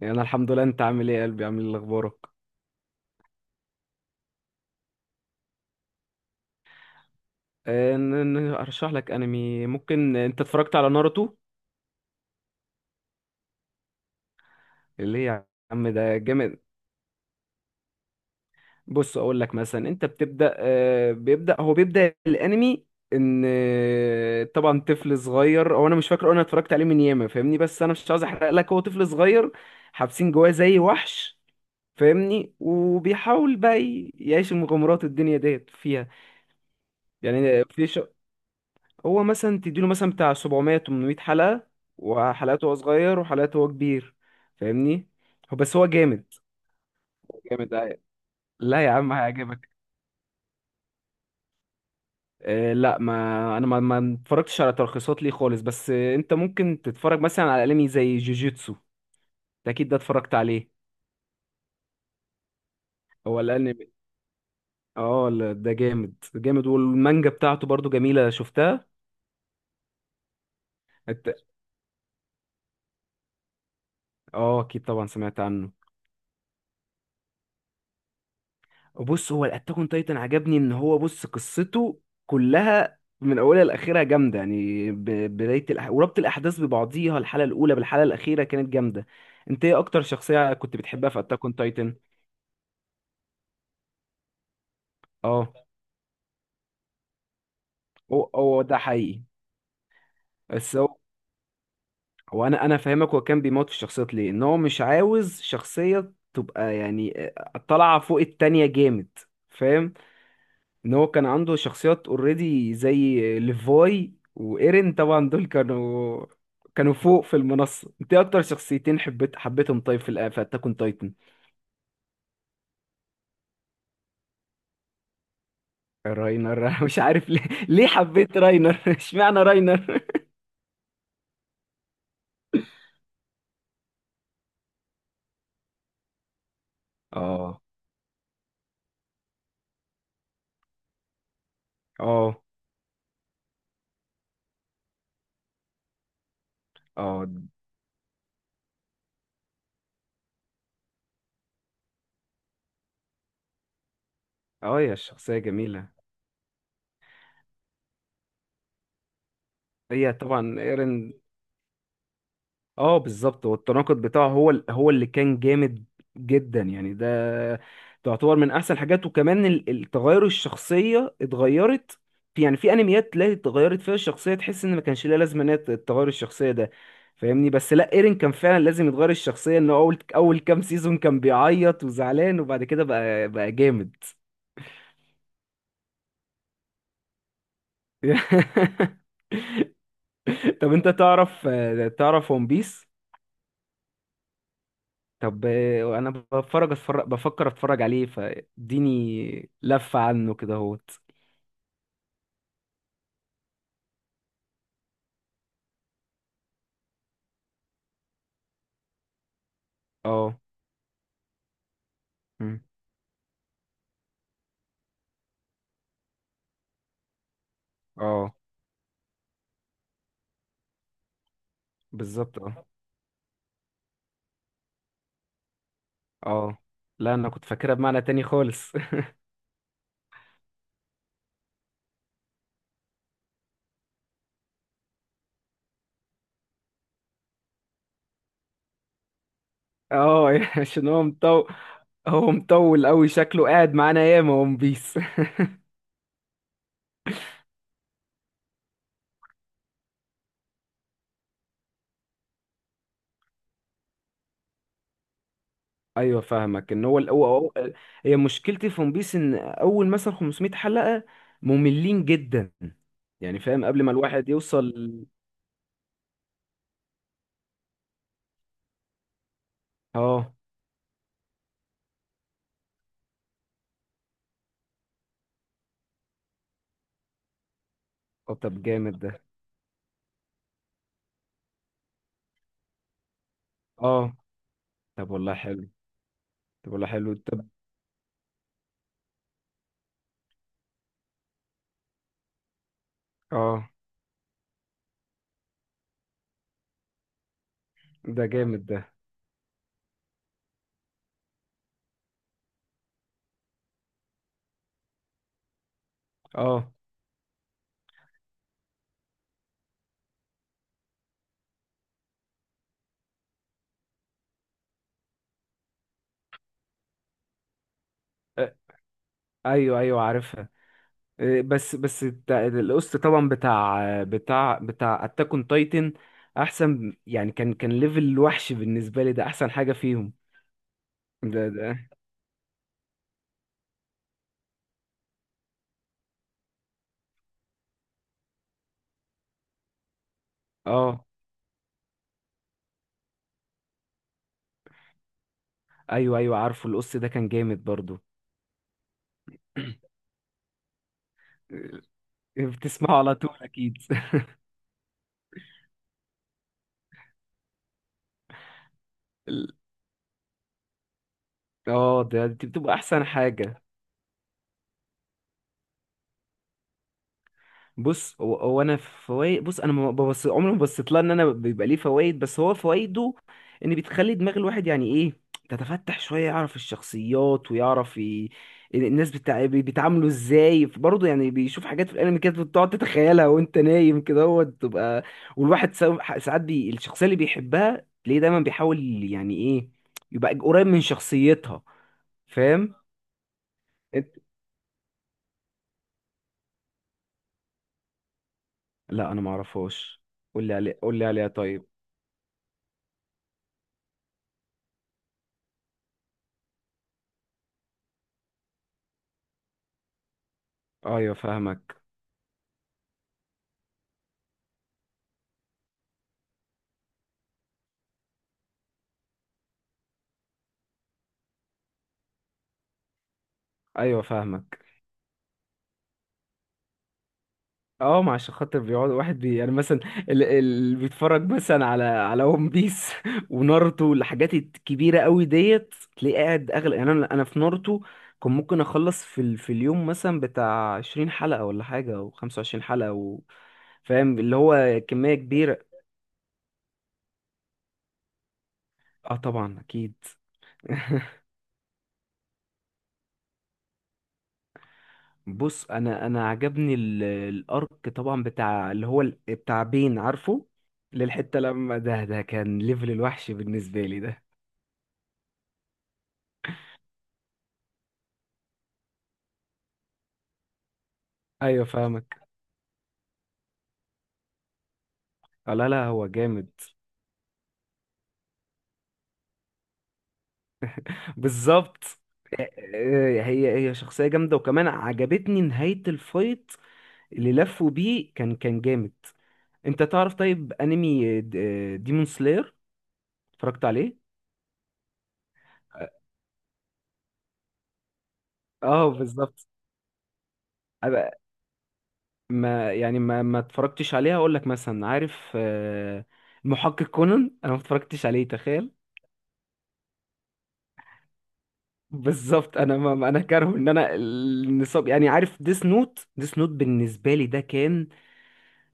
يعني انا الحمد لله. انت عامل ايه يا قلبي؟ عامل ايه؟ اخبارك؟ ارشح لك انمي. ممكن انت اتفرجت على ناروتو؟ اللي هي يا عم ده جامد. بص اقول لك مثلا، انت بتبدا، بيبدا الانمي، ان آه، طبعا طفل صغير. هو انا مش فاكر، انا اتفرجت عليه من ياما فاهمني، بس انا مش عاوز احرق لك. هو طفل صغير حابسين جواه زي وحش فاهمني، وبيحاول بقى يعيش المغامرات الدنيا ديت فيها. يعني في ش... هو مثلا تديله مثلا بتاع 700 800 حلقة. وحلقاته هو صغير، وحلقاته هو كبير، فاهمني. هو جامد. هو جامد، أيوة. لا يا عم، هيعجبك. آه لا ما انا ما اتفرجتش على تلخيصات ليه خالص، بس انت ممكن تتفرج مثلا على انمي زي جوجيتسو. ده اكيد ده اتفرجت عليه. هو الانمي، اه لا، ده جامد جامد، والمانجا بتاعته برضو جميلة شفتها. أت- اه اكيد طبعا سمعت عنه. بص، هو الاتاك اون تايتن عجبني ان هو، بص، قصته كلها من اولها لاخرها جامده، بدايه وربط الاحداث ببعضيها، الحلقه الاولى بالحلقه الاخيره كانت جامده. انت ايه اكتر شخصيه كنت بتحبها في اتاك اون تايتن؟ اه. هو ده حقيقي. بس هو، انا فاهمك. هو كان بيموت في الشخصيات ليه؟ ان هو مش عاوز شخصيه تبقى يعني طالعه فوق التانية. جامد، فاهم؟ ان هو كان عنده شخصيات اوريدي زي ليفاي وايرين، طبعا دول كانوا فوق في المنصة. انت إيه اكتر شخصيتين حبيتهم؟ طيب في في اتاك اون تايتن. راينر أنا مش عارف ليه، ليه حبيت راينر اشمعنى راينر؟ اه، اه، اه. اه يا، الشخصية جميلة. هي طبعا ايرين. اه بالظبط، والتناقض بتاعه هو هو اللي كان جامد جدا يعني. ده تعتبر من احسن حاجات. وكمان التغير، الشخصيه اتغيرت في، يعني في انميات تلاقي اتغيرت فيها الشخصيه، تحس ان ما كانش ليها لازمه ان هي تتغير الشخصيه ده، فاهمني؟ بس لا، ايرين كان فعلا لازم يتغير الشخصيه، انه اول كام سيزون كان بيعيط وزعلان، وبعد كده بقى جامد. طب انت تعرف، تعرف ون بيس؟ طب انا بفرج اتفرج بفكر اتفرج عليه، فاديني لفة عنه كده اهوت. اه. مم. اه بالظبط. اه. اه لا، انا كنت فاكرها بمعنى تاني خالص. اه عشان هو مطول. هو مطول قوي، شكله قاعد معانا ياما ون بيس. ايوه فاهمك، ان هي مشكلتي في ون بيس، ان اول مثلا 500 حلقة مملين جدا، يعني فاهم، قبل ما الواحد يوصل. اه، اه. طب جامد ده. اه. طب والله حلو. طب ولا حلو، طب. اه ده جامد ده. اه. آه، ايوه ايوه عارفها. القسط طبعا بتاع اتاك اون تايتن احسن يعني، كان ليفل وحش بالنسبه لي، ده احسن حاجه فيهم. ده. اه ايوه ايوه عارفه القسط ده، كان جامد برضو. بتسمعه على طول اكيد. ال- اه ده، دي بتبقى احسن حاجه. بص هو، هو انا فوائد، بص انا ما ببص، عمري ما بصيت لها ان انا بيبقى ليه فوائد، بس هو فوائده ان بتخلي دماغ الواحد يعني ايه، تتفتح شويه، يعرف الشخصيات الناس بيتعاملوا ازاي برضه، يعني بيشوف حاجات في الانمي كده بتقعد تتخيلها وانت نايم كده، هو تبقى. والواحد ساعات الشخصيه اللي بيحبها تلاقيه دايما بيحاول يعني ايه، يبقى قريب من شخصيتها، فاهم؟ انت. لا انا ما اعرفهاش. قول لي عليه، قول لي عليها طيب. ايوه فاهمك ايوه فاهمك. اه، ما عشان خاطر بيقعد واحد بي يعني مثلا، اللي بيتفرج مثلا على على ون بيس وناruto، الحاجات الكبيره قوي ديت تلاقيه قاعد اغلى، يعني انا في ناruto كان ممكن اخلص في اليوم مثلا بتاع 20 حلقه ولا حاجه او 25 حلقه و... فاهم، اللي هو كميه كبيره. اه طبعا اكيد. بص انا عجبني الارك طبعا بتاع اللي هو بتاع بين، عارفه؟ للحته لما، ده كان ليفل الوحش بالنسبه لي. ايوه فاهمك. لا لا، هو جامد. بالظبط. هي شخصية جامدة، وكمان عجبتني نهاية الفايت اللي لفوا بيه، كان جامد. انت تعرف طيب انمي ديمون سلاير، اتفرجت عليه؟ اه. بالظبط. أبقى- ما يعني ما ما اتفرجتش عليه. هقول لك مثلا عارف المحقق كونان، انا ما اتفرجتش عليه، تخيل. بالظبط. انا ما ما- انا كاره ان انا النصاب يعني. عارف ديس نوت؟ ديس نوت بالنسبه لي ده كان،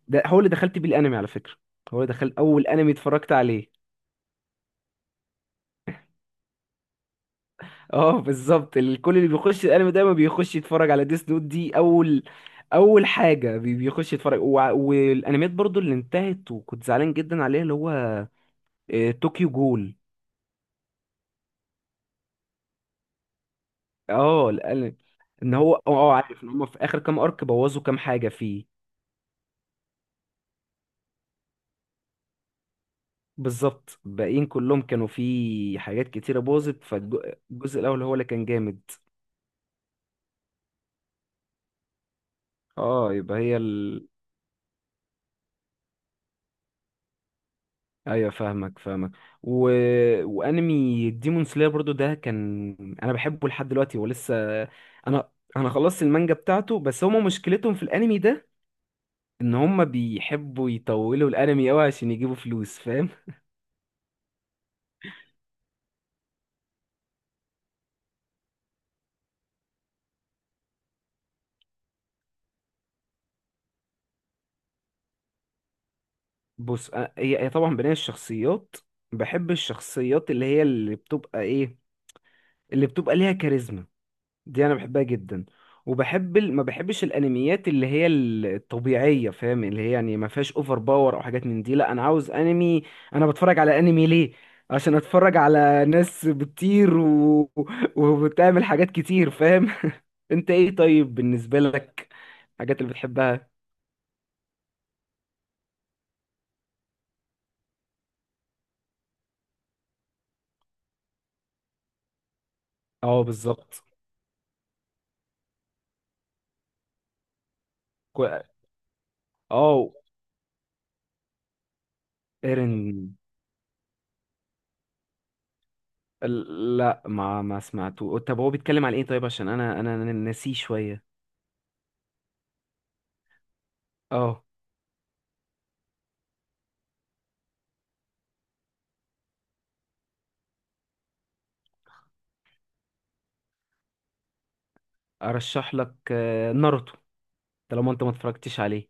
ده هو اللي دخلت بيه الانمي على فكره. هو اللي دخل، اول انمي اتفرجت عليه. اه بالظبط، الكل اللي بيخش الانمي دايما بيخش يتفرج على ديس نوت، دي اول حاجه بيخش يتفرج. والانميات برضو اللي انتهت وكنت زعلان جدا عليها، اللي هو طوكيو جول. اه الانمي، ان هو اه عارف ان هم في اخر كام ارك بوظوا كام حاجه فيه. بالظبط، باقيين كلهم كانوا فيه حاجات كتيره باظت، فالجزء الاول هو اللي كان جامد. اه يبقى هي ايوه فاهمك. و... وانمي ديمون سلاير برضو ده كان، انا بحبه لحد دلوقتي ولسه. انا، انا خلصت المانجا بتاعته، بس هما مشكلتهم في الانمي ده ان هما بيحبوا يطولوا الانمي قوي عشان يجيبوا فلوس، فاهم؟ بص هي طبعا بناء الشخصيات. بحب الشخصيات اللي هي اللي بتبقى ايه، اللي بتبقى ليها كاريزما، دي انا بحبها جدا. وبحب ما بحبش الانميات اللي هي الطبيعيه، فاهم؟ اللي هي يعني ما فيهاش اوفر باور او حاجات من دي. لا انا عاوز انمي، انا بتفرج على انمي ليه؟ عشان اتفرج على ناس بتطير و... وبتعمل حاجات كتير، فاهم؟ انت ايه طيب بالنسبه لك الحاجات اللي بتحبها؟ اه بالظبط. كو... اه ايرن. لا ما سمعته. طب هو بيتكلم عن ايه طيب؟ عشان انا ناسيه شويه. اه ارشح لك ناروتو طالما انت ما اتفرجتش عليه.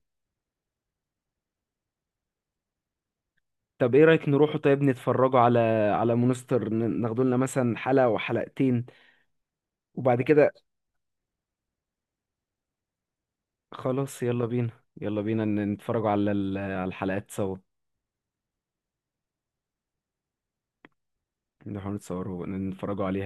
طب ايه رأيك نروحوا طيب نتفرجوا على، على مونستر، ناخدوا لنا مثلا حلقة وحلقتين، وبعد كده. خلاص يلا بينا. يلا بينا نتفرجوا على على الحلقات سوا، نروحوا نتصوروا نتفرجوا عليها.